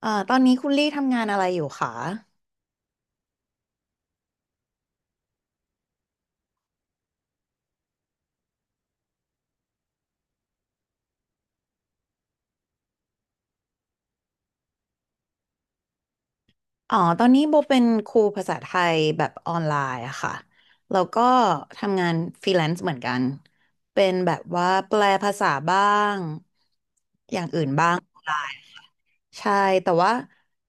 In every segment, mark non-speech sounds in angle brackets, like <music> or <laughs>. ตอนนี้คุณลี่ทำงานอะไรอยู่คะอ๋อ ตอนนี้โบเป็นครูภาษาไทยแบบออนไลน์อะค่ะ แล้วก็ทำงานฟรีแลนซ์เหมือนกัน เป็นแบบว่าแปลภาษาบ้าง อย่างอื่นบ้างออนไลน์ใช่ แต่ว่า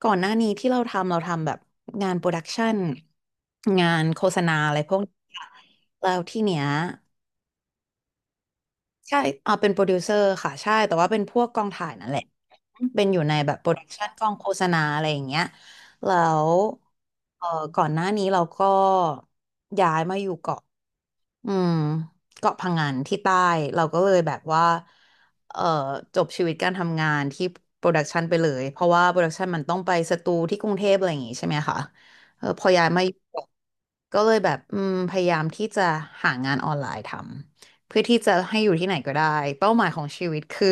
ก่อนหน้านี้ที่เราทำเราทำแบบงานโปรดักชันงานโฆษณาอะไรพวกนี้ค่ะแล้วที่เนี้ย ใช่อ่าเป็นโปรดิวเซอร์ค่ะ ใช่ แต่ว่าเป็นพวกกองถ่ายนั่นแหละ เป็นอยู่ในแบบโปรดักชันกองโฆษณาอะไรอย่างเงี้ยแล้วเออก่อนหน้านี้เราก็ย้ายมาอยู่เกาะ อืมเกาะพังงานที่ใต้เราก็เลยแบบว่าเอ่อจบชีวิตการทำงานที่โปรดักชันไปเลยเพราะว่าโปรดักชันมันต้องไปสตูที่กรุงเทพอะไรอย่างงี้ใช่ไหมคะเออพอย้ายมาอยู่เกาะก็เลยแบบอืมพยายามที่จะหางานออนไลน์ทำเพื่อที่จะให้อยู่ที่ไหนก็ได้เป้าหมายของชีวิตคือ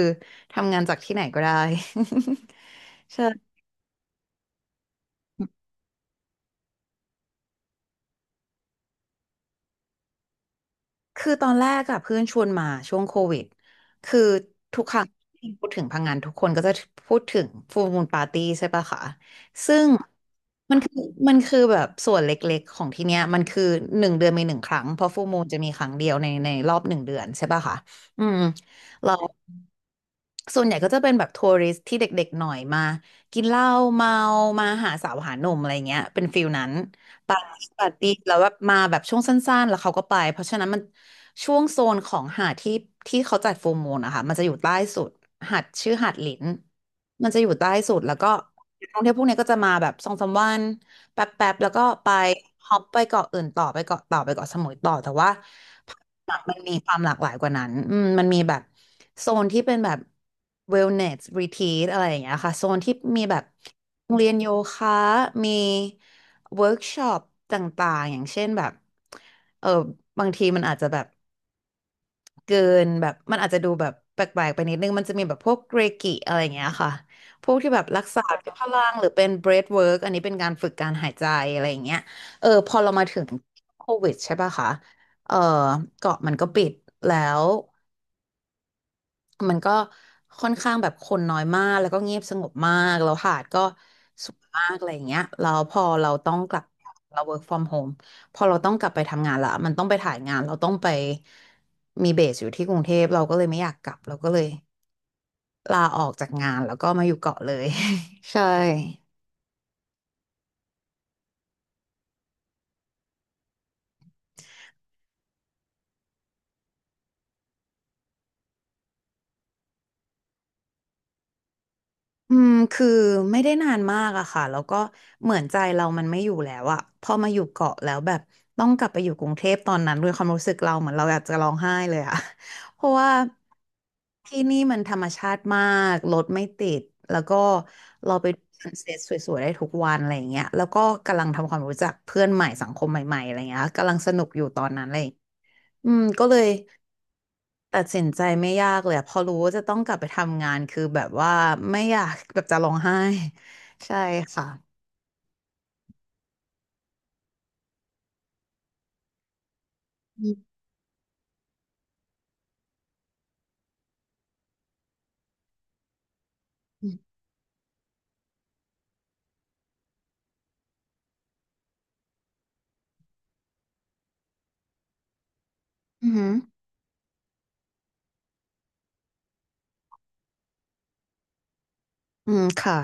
ทำงานจากที่ไหนก็ได้ <laughs> ใช่ คือตอนแรกอะเพื่อนชวนมาช่วงโควิดคือทุกครั้งที่พูดถึงพังงานทุกคนก็จะพูดถึงฟูลมูนปาร์ตี้ใช่ปะคะซึ่งมันคือมันคือแบบส่วนเล็กๆของที่เนี้ยมันคือหนึ่งเดือนมีหนึ่งครั้งเพราะฟูลมูนจะมีครั้งเดียวในรอบหนึ่งเดือนใช่ปะคะอืมเราส่วนใหญ่ก็จะเป็นแบบทัวริสต์ที่เด็กๆหน่อยมากินเหล้าเมามาหาสาวหาหนุ่มอะไรเงี้ยเป็นฟิลนั้น ปาร์ตี้ปาร์ตี้แล้วแบบมาแบบช่วงสั้นๆแล้วเขาก็ไปเพราะฉะนั้นมันช่วงโซนของหาดที่เขาจัดฟูลมูนนะคะมันจะอยู่ใต้สุดหาดชื่อหาดหลินมันจะอยู่ใต้สุดแล้วก็นักท่องเที่ยวพวกเนี้ยก็จะมาแบบสองสามวันแป๊บๆแล้วก็ไปฮอปไปเกาะอื่นต่อไปเกาะเต่อไปเกาะสมุยต่อแต่ว่ามันมีความหลากหลายกว่านั้นอืมมันมีแบบโซนที่เป็นแบบ wellness retreat อะไรอย่างเงี้ยค่ะโซนที่มีแบบโรงเรียนโยคะมี เวิร์กช็อปต่างๆอย่างเช่นแบบเออบางทีมันอาจจะแบบเกินแบบมันอาจจะดูแบบแปลกๆไปนิดนึงมันจะมีแบบพวกเรกิอะไรอย่างเงี้ยค่ะพวกที่แบบรักษาพ้ะพลังหรือเป็นเบรธเวิร์กอันนี้เป็นการฝึกการหายใจอะไรอย่างเงี้ยเออพอเรามาถึงโควิดใช่ป่ะคะเออเกาะมันก็ปิดแล้ว มันก็ค่อนข้างแบบคนน้อยมากแล้วก็เงียบสงบมากแล้วหาดก็สวยมากอะไรอย่างเงี้ยแล้วพอเราต้องกลับเรา work from home พอเราต้องกลับไปทำงานละมันต้องไปถ่ายงานเราต้องไปมีเบสอยู่ที่กรุงเทพเราก็เลยไม่อยากกลับเราก็เลยลาออกจากงานแล้วก็มาอยู่เกาะเลย <laughs> ใช่ อืมคือไม่ได้นานมากอะค่ะแล้วก็เหมือนใจเรามันไม่อยู่แล้วอะพอมาอยู่เกาะแล้วแบบต้องกลับไปอยู่กรุงเทพตอนนั้นด้วยความรู้สึกเราเหมือนเราอยากจะร้องไห้เลยอะ <laughs> เพราะว่าที่นี่มันธรรมชาติมากรถไม่ติดแล้วก็เราไปดูซันเซ็ตสวยๆได้ทุกวันอะไรอย่างเงี้ยแล้วก็กำลังทำความรู้จักเพื่อนใหม่สังคมใหม่ๆอะไรเงี้ยกำลังสนุกอยู่ตอนนั้นเลยอืมก็เลย ตัดสินใจไม่ยากเลยอะพอรู้ว่าจะต้องกลับไปทำงานคือแบบว่าไม่อยาก <laughs> แบบจะร้องไห้ <laughs> ใช่ค่ะอืมอือหืออืมค่ะ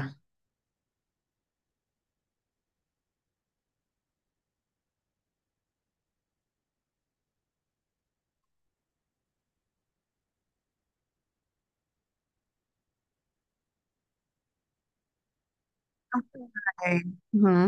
ไปอือหือ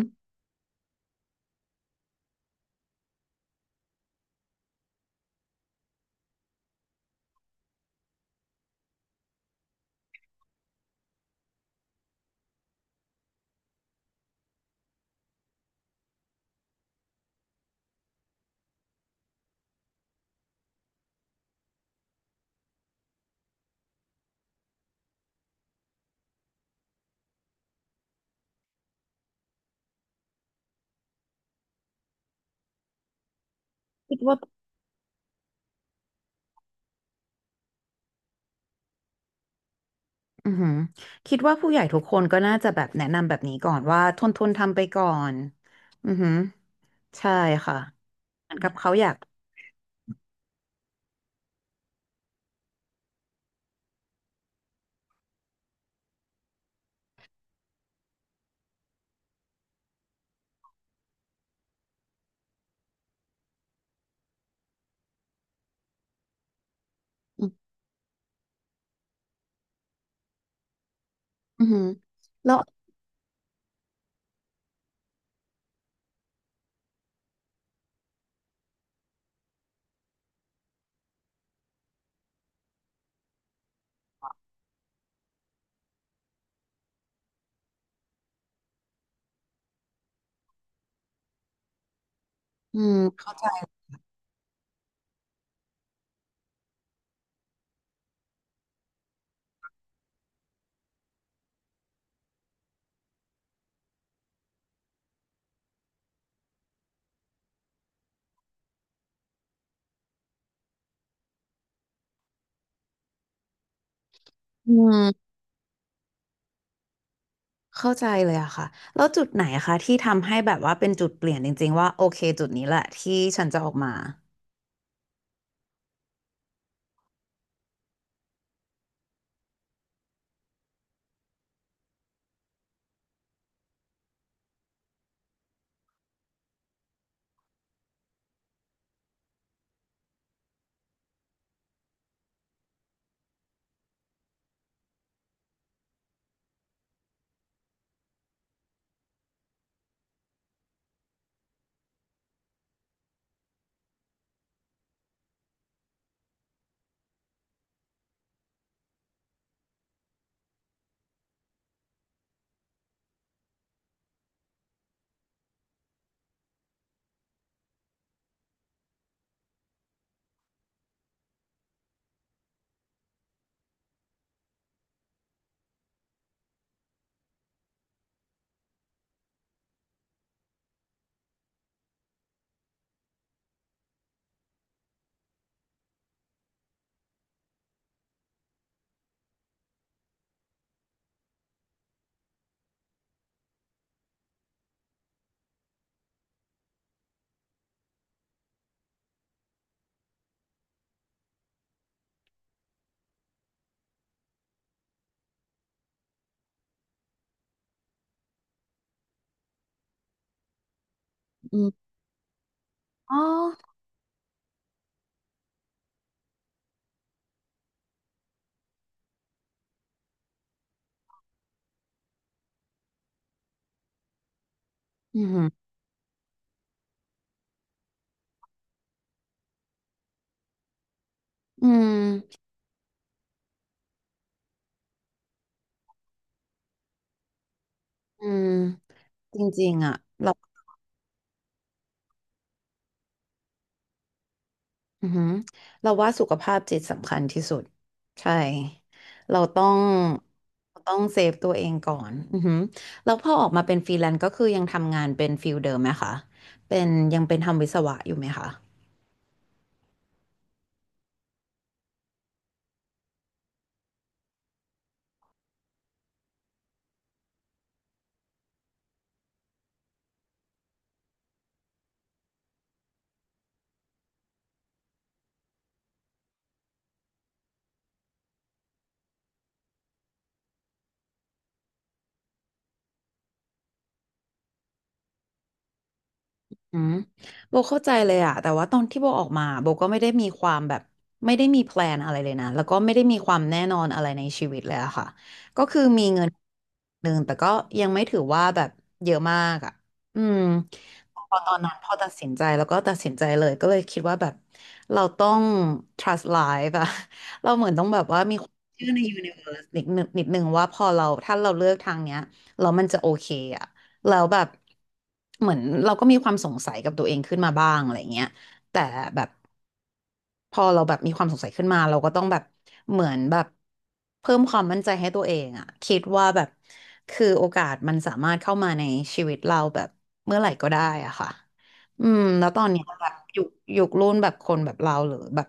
คิดว่าอือหือคิดว่าผู้ใหญ่ทุกคนก็น่าจะแบบแนะนำแบบนี้ก่อนว่าทนทำไปก่อนอือหือใช่ค่ะเหมือนกับเขาอยากอืมอือหือแล้วอืมเขาอืมเข้าใจเลยอะค่ะแล้วจุดไหนอะคะที่ทำให้แบบว่าเป็นจุดเปลี่ยนจริงๆว่าโอเคจุดนี้แหละที่ฉันจะออกมาอื อ๋ออืมอืมอืมจริงๆอ่ะเราอืมเราว่าสุขภาพจิตสำคัญที่สุด ใช่ เราต้องเราต้องเซฟตัวเองก่อนอืมแล้วพอออกมาเป็นฟรีแลนซ์ก็คือยังทำงานเป็นฟิลเดิมไหมคะเป็นยังเป็นทำวิศวะอยู่ไหมคะ อืมโบเข้าใจเลยอะแต่ว่าตอนที่โบออกมาโบก็ไม่ได้มีความแบบไม่ได้มีแพลนอะไรเลยนะแล้วก็ไม่ได้มีความแน่นอนอะไรในชีวิตเลยอะค่ะก็คือมีเงินหนึ่งแต่ก็ยังไม่ถือว่าแบบเยอะมากอะอืมพอตอนนั้นพอตัดสินใจแล้วก็ตัดสินใจเลยก็เลยคิดว่าแบบเราต้อง trust life อะ <laughs> เราเหมือนต้องแบบว่ามีความเชื่อใน universe นิดนึงว่าพอเราถ้าเราเลือกทางเนี้ยแล้วมันจะโอเคอะ แล้วแบบเหมือนเราก็มีความสงสัยกับตัวเองขึ้นมาบ้างอะไรเงี้ยแต่แบบ พอเราแบบมีความสงสัยขึ้นมาเราก็ต้องแบบเหมือนแบบเพิ่มความมั่นใจให้ตัวเองอะคิดว่าแบบคือโอกาสมันสามารถเข้ามาในชีวิตเราแบบเมื่อไหร่ก็ได้อะค่ะอืมแล้วตอนเนี้ยแบบยุครุ่นแบบคนแบบเราหรือแบบ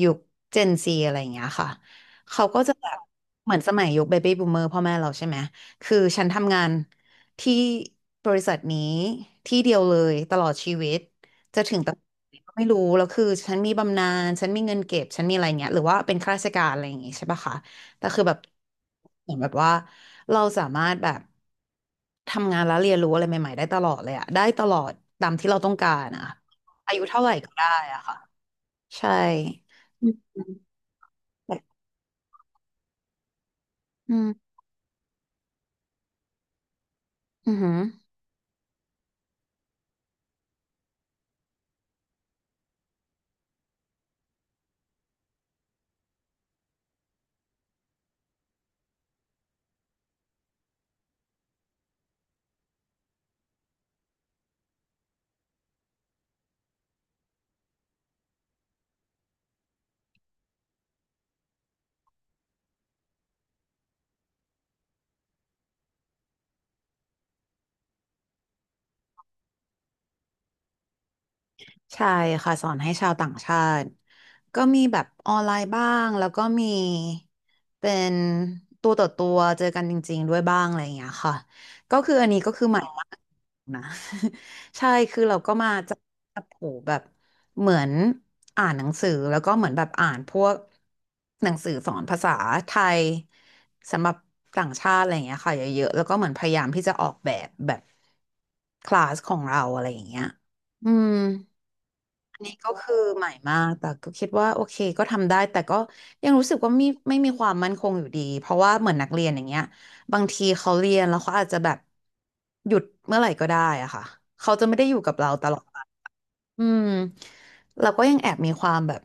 ยุคเจนซีอะไรอย่างเงี้ยค่ะเขาก็จะแบบเหมือนสมัยยุคเบบี้บูมเมอร์พ่อแม่เราใช่ไหมคือฉันทำงานที่บริษัทนี้ที่เดียวเลยตลอดชีวิต จะถึงตำแหน่งไหนก็ไม่รู้แล้วคือฉันมีบำนาญฉันมีเงินเก็บฉันมีอะไรเงี้ยหรือว่าเป็นข้าราชการอะไรอย่างงี้ใช่ปะคะแต่คือแบบเหมือนแบบว่าเราสามารถแบบทำงานแล้วเรียนรู้อะไรใหม่ๆได้ตลอดเลยอะได้ตลอดตามที่เราต้องการอะอายุเท่าไหร่ก็ได้อะค่ะใช่อืมอืมอือหือ ใช่ค่ะสอนให้ชาวต่างชาติก็มีแบบออนไลน์บ้างแล้วก็มีเป็นตัวต่อตัวเจอกันจริงๆด้วยบ้างอะไรอย่างเงี้ยค่ะก็คืออันนี้ก็คือใหม่มากนะ <laughs> ใช่คือเราก็มาจับจับโผแบบเหมือนอ่านหนังสือแล้วก็เหมือนแบบอ่านพวกหนังสือสอนภาษาไทยสำหรับต่างชาติอะไรอย่างเงี้ยค่ะเยอะๆแล้วก็เหมือนพยายามที่จะออกแบบแบบคลาสของเราอะไรอย่างเงี้ยอืม อันนี้ก็คือใหม่มากแต่ก็คิดว่าโอเคก็ทำได้แต่ก็ยังรู้สึกว่าไม่มีความมั่นคงอยู่ดีเพราะว่าเหมือนนักเรียนอย่างเงี้ยบางทีเขาเรียนแล้วเขาอาจจะแบบหยุดเมื่อไหร่ก็ได้อะค่ะเขาจะไม่ได้อยู่กับเราตลอด อืมเราก็ยังแอบมีความแบบ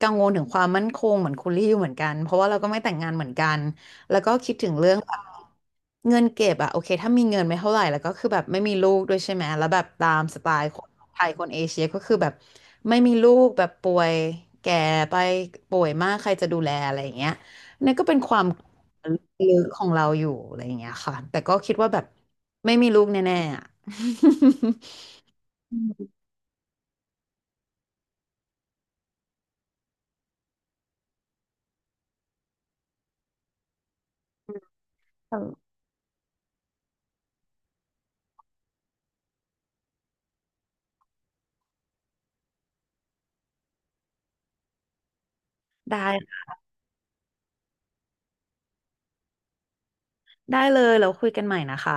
กังวลถึงความมั่นคงเหมือนคุณลี่อยู่เหมือนกันเพราะว่าเราก็ไม่แต่งงานเหมือนกันแล้วก็คิดถึงเรื่องแบบเงินเก็บอะโอเคถ้ามีเงินไม่เท่าไหร่แล้วก็คือแบบไม่มีลูกด้วยใช่ไหมแล้วแบบตามสไตล์คนไทยคนเอเชียก็คือแบบไม่มีลูกแบบป่วยแก่ไปป่วยมากใครจะดูแลอะไรอย่างเงี้ยนี่นก็เป็นความลึกๆของเราอยู่อะไรอย่างเงี้ยค่ะแต่ก็คิดว่าแบบไม่มีลูกแน่ๆอะ <laughs> ได้ ได้เลยเราคุยกันใหม่นะคะ